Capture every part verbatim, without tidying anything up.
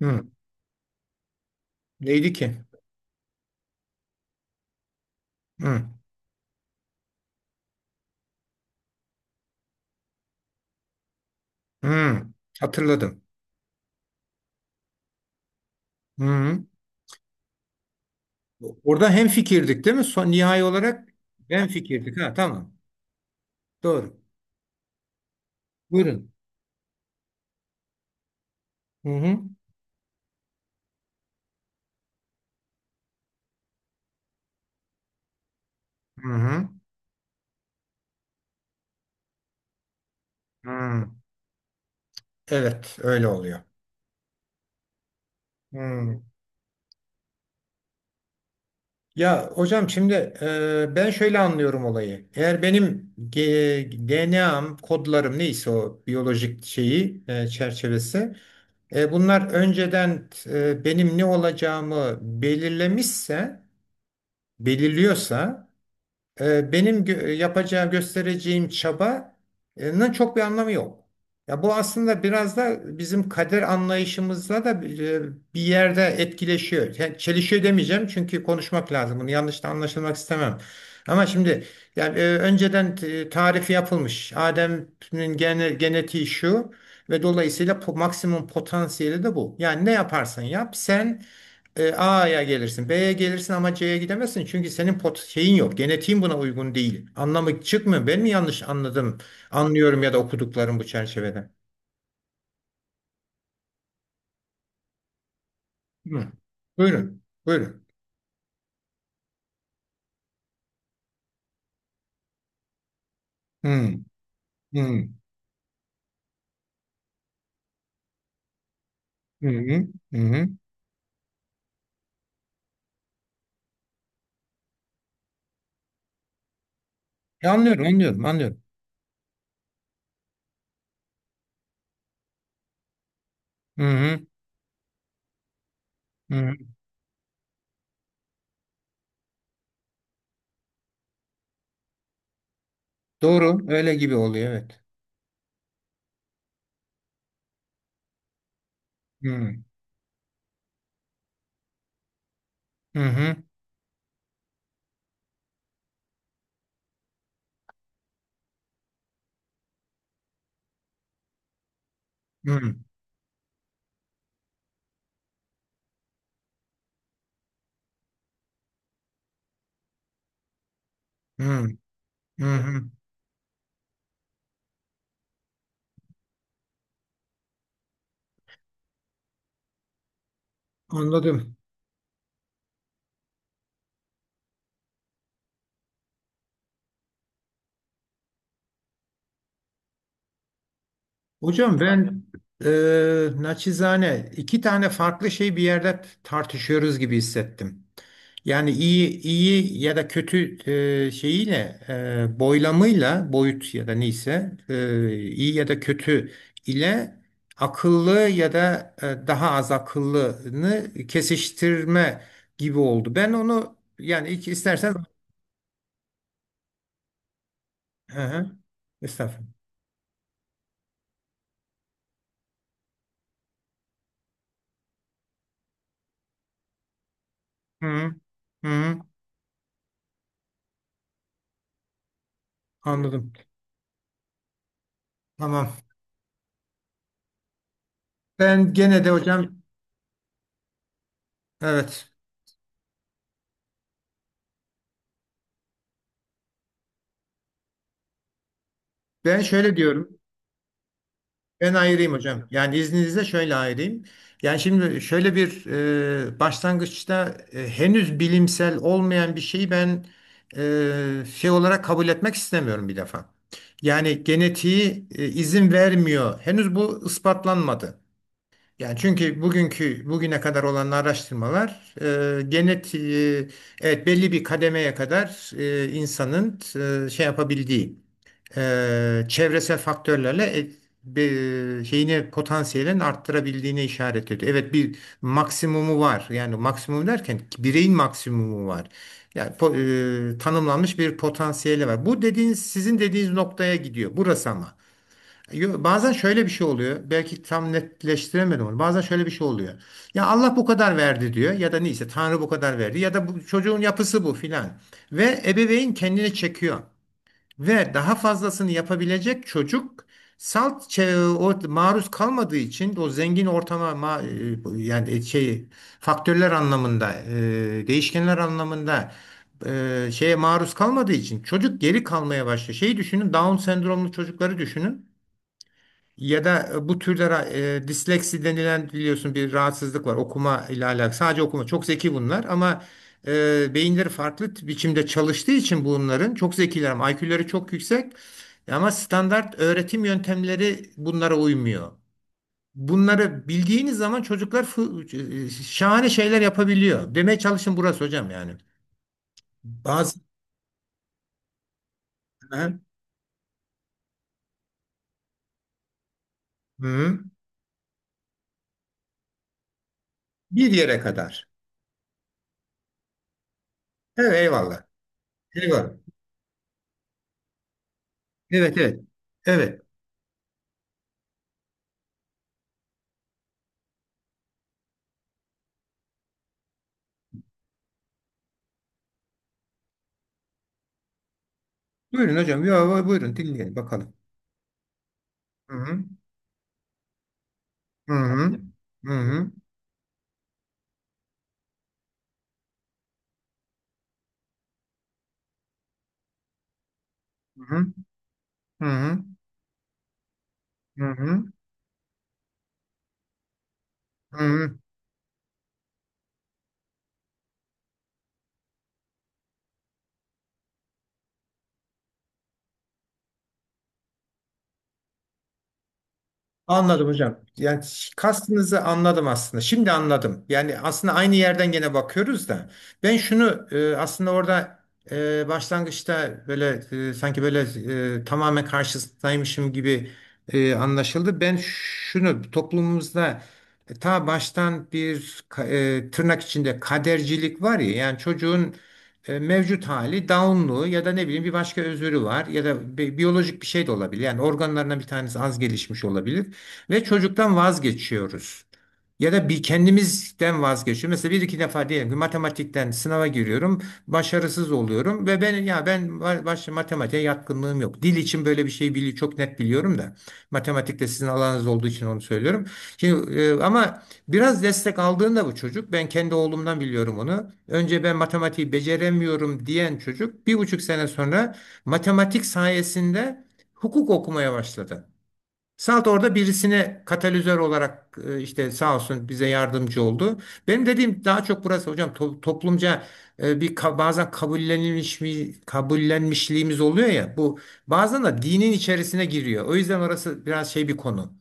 Hı. Neydi ki? Hı. Hı. Hatırladım. Hı. Orada hem fikirdik değil mi? Son nihai olarak ben fikirdik. Ha, tamam. Doğru. Buyurun. Hı hı. Hı hı. Hı. Evet, öyle oluyor. Hı. Ya hocam şimdi e, ben şöyle anlıyorum olayı. Eğer benim ge- D N A'm, kodlarım neyse o biyolojik şeyi e, çerçevesi, e, bunlar önceden e, benim ne olacağımı belirlemişse belirliyorsa e, benim gö- yapacağım, göstereceğim çabanın çok bir anlamı yok. Ya bu aslında biraz da bizim kader anlayışımızla da bir e, bir yerde etkileşiyor. Yani çelişiyor demeyeceğim çünkü konuşmak lazım. Bunu yanlış da anlaşılmak istemem. Ama şimdi yani e, önceden t- tarifi yapılmış. Adem'in gene, genetiği şu ve dolayısıyla po- maksimum potansiyeli de bu. Yani ne yaparsan yap sen, e, A'ya gelirsin, B'ye gelirsin ama C'ye gidemezsin. Çünkü senin pot şeyin yok. Genetiğin buna uygun değil. Anlamı çıkmıyor. Ben mi yanlış anladım? Anlıyorum ya da okuduklarım bu çerçevede. Hı. Buyurun. Buyurun. Hı. Hı. Hı. Hı. Hı. E, Anlıyorum, anlıyorum, anlıyorum. Hı hı. Hı. Doğru, öyle gibi oluyor, evet. Hı. Hı hı. Hı. Hı. Hı. Anladım. Hocam ben eee naçizane iki tane farklı şey bir yerde tartışıyoruz gibi hissettim. Yani iyi iyi ya da kötü eee, şeyiyle eee, boylamıyla boyut ya da neyse eee, iyi ya da kötü ile akıllı ya da e, daha az akıllını kesiştirme gibi oldu. Ben onu yani ilk istersen. Hı hı, estağfurullah. Hı hı, hı hı, anladım. Tamam. Ben gene de hocam. Evet. Ben şöyle diyorum. Ben ayırayım hocam. Yani izninizle şöyle ayırayım. Yani şimdi şöyle bir e, başlangıçta e, henüz bilimsel olmayan bir şeyi ben e, şey olarak kabul etmek istemiyorum bir defa. Yani genetiği e, izin vermiyor. Henüz bu ispatlanmadı. Yani çünkü bugünkü bugüne kadar olan araştırmalar e, genetiği evet belli bir kademeye kadar e, insanın e, şey yapabildiği. e, çevresel faktörlerle e, be- şeyini potansiyelini arttırabildiğine işaret ediyor. Evet bir maksimumu var. Yani maksimum derken bireyin maksimumu var. Yani po- e, tanımlanmış bir potansiyeli var. Bu dediğiniz sizin dediğiniz noktaya gidiyor. Burası ama. Yo- Bazen şöyle bir şey oluyor. Belki tam netleştiremedim onu. Bazen şöyle bir şey oluyor. Ya Allah bu kadar verdi diyor ya da neyse Tanrı bu kadar verdi ya da bu çocuğun yapısı bu filan. Ve ebeveyn kendini çekiyor. Ve daha fazlasını yapabilecek çocuk salt çe- o, maruz kalmadığı için o zengin ortama ma- e, yani şey faktörler anlamında, e, değişkenler anlamında, e, şeye maruz kalmadığı için çocuk geri kalmaya başlıyor. Şeyi düşünün, Down sendromlu çocukları düşünün. Ya da e, bu türde ra- e, disleksi denilen biliyorsun bir rahatsızlık var. Okuma ile alakalı. Sadece okuma. Çok zeki bunlar ama e, beyinleri farklı t- biçimde çalıştığı için bunların çok zekiler ama I Q'leri çok yüksek. Ama standart öğretim yöntemleri bunlara uymuyor. Bunları bildiğiniz zaman çocuklar fı- e, şahane şeyler yapabiliyor. Demeye çalışın, burası hocam yani. Bazı. Ha? Hı. Bir yere kadar. Evet, eyvallah. Eyvallah. Evet, evet. Evet. Buyurun hocam. Ya, buyurun dinleyelim bakalım. Hı hı. Hı hı. Efendim? Hı hı. Hı hı. Hı hı. Hı hı. Hı hı. Anladım hocam. Yani kastınızı anladım aslında. Şimdi anladım. Yani aslında aynı yerden gene bakıyoruz da. Ben şunu e, aslında orada e, başlangıçta böyle e, sanki böyle e, tamamen karşısındaymışım gibi e, anlaşıldı. Ben şunu toplumumuzda e, ta baştan bir ka- e, tırnak içinde kadercilik var ya. Yani çocuğun e, mevcut hali Down'lu ya da ne bileyim bir başka özürü var ya da bi- biyolojik bir şey de olabilir. Yani organlarından bir tanesi az gelişmiş olabilir. Ve çocuktan vazgeçiyoruz. Ya da bir kendimizden vazgeçiyoruz. Mesela bir iki defa diyelim ki matematikten sınava giriyorum, başarısız oluyorum ve ben ya ben başta matematiğe yatkınlığım yok. Dil için böyle bir şey bili çok net biliyorum da matematikte sizin alanınız olduğu için onu söylüyorum. Şimdi e, ama biraz destek aldığında bu çocuk, ben kendi oğlumdan biliyorum onu. Önce ben matematiği beceremiyorum diyen çocuk bir buçuk sene sonra matematik sayesinde hukuk okumaya başladı. Salt orada birisine katalizör olarak e, işte sağ olsun bize yardımcı oldu. Benim dediğim daha çok burası hocam, to- toplumca e, bir ka- bazen kabullenilmiş mi- kabullenmişliğimiz oluyor ya, bu bazen de dinin içerisine giriyor. O yüzden orası biraz şey bir konu.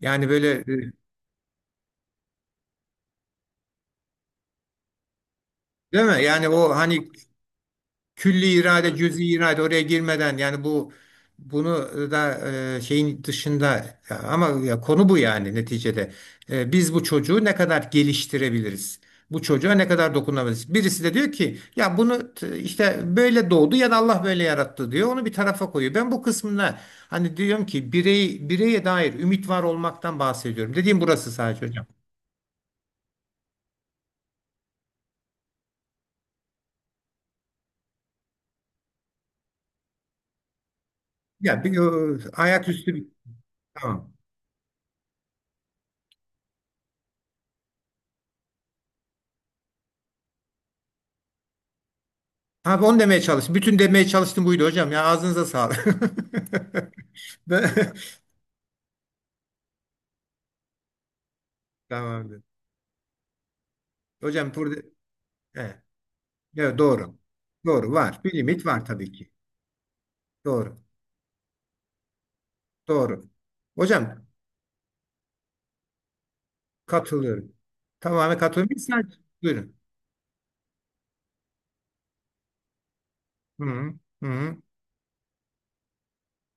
Yani böyle, e, değil mi? Yani o hani külli irade, cüz'i irade oraya girmeden, yani bu bunu da e, şeyin dışında, ya ama ya konu bu yani neticede. E, biz bu çocuğu ne kadar geliştirebiliriz? Bu çocuğa ne kadar dokunabiliriz? Birisi de diyor ki ya bunu t- işte böyle doğdu ya da Allah böyle yarattı diyor. Onu bir tarafa koyuyor. Ben bu kısmına hani diyorum ki birey bireye dair ümit var olmaktan bahsediyorum. Dediğim burası sadece hocam. Ya bir, e, ayaküstü bir- tamam. Abi onu demeye çalıştım. Bütün demeye çalıştım buydu hocam. Ya ağzınıza sağlık. Ben- Tamamdır. Hocam burada evet, evet, doğru. Doğru var. Bir limit var tabii ki. Doğru. Doğru. Hocam katılıyorum. Tamamen katılıyorum. Bir saat. Buyurun. Hı -hı. Hı -hı.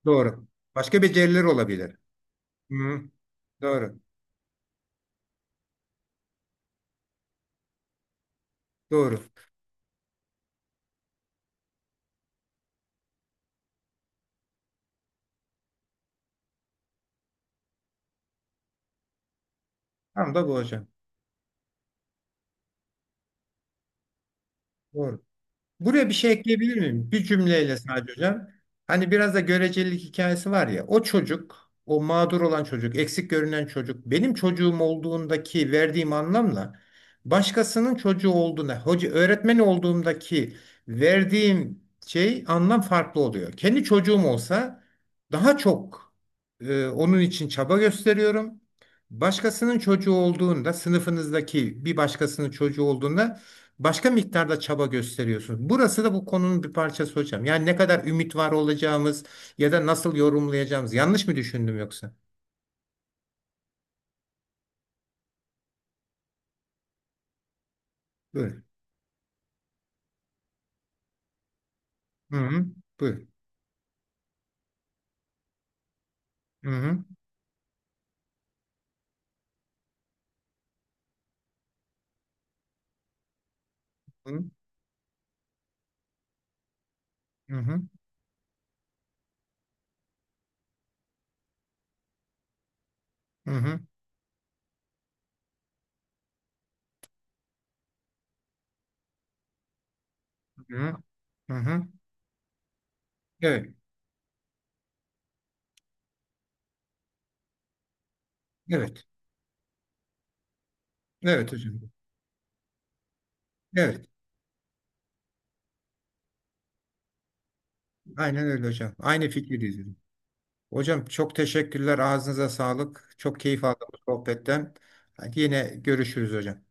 Doğru. Başka beceriler olabilir. Hı -hı. Doğru. Doğru. Tam da bu hocam. Doğru. Buraya bir şey ekleyebilir miyim? Bir cümleyle sadece hocam. Hani biraz da görecelilik hikayesi var ya. O çocuk, o mağdur olan çocuk, eksik görünen çocuk, benim çocuğum olduğundaki verdiğim anlamla başkasının çocuğu olduğuna, hoca öğretmen olduğumdaki verdiğim şey anlam farklı oluyor. Kendi çocuğum olsa daha çok e, onun için çaba gösteriyorum. Başkasının çocuğu olduğunda, sınıfınızdaki bir başkasının çocuğu olduğunda başka miktarda çaba gösteriyorsunuz. Burası da bu konunun bir parçası hocam. Yani ne kadar ümit var olacağımız ya da nasıl yorumlayacağımız. Yanlış mı düşündüm yoksa? Buyurun. Hı hı. Buyurun. Hı hı. Hı hı. Hı hı. Hı hı. Hı. Evet. Evet. Evet hocam. Evet. Aynen öyle hocam. Aynı fikirdeyiz hocam. Hocam çok teşekkürler. Ağzınıza sağlık. Çok keyif aldım bu sohbetten. Hadi yine görüşürüz hocam.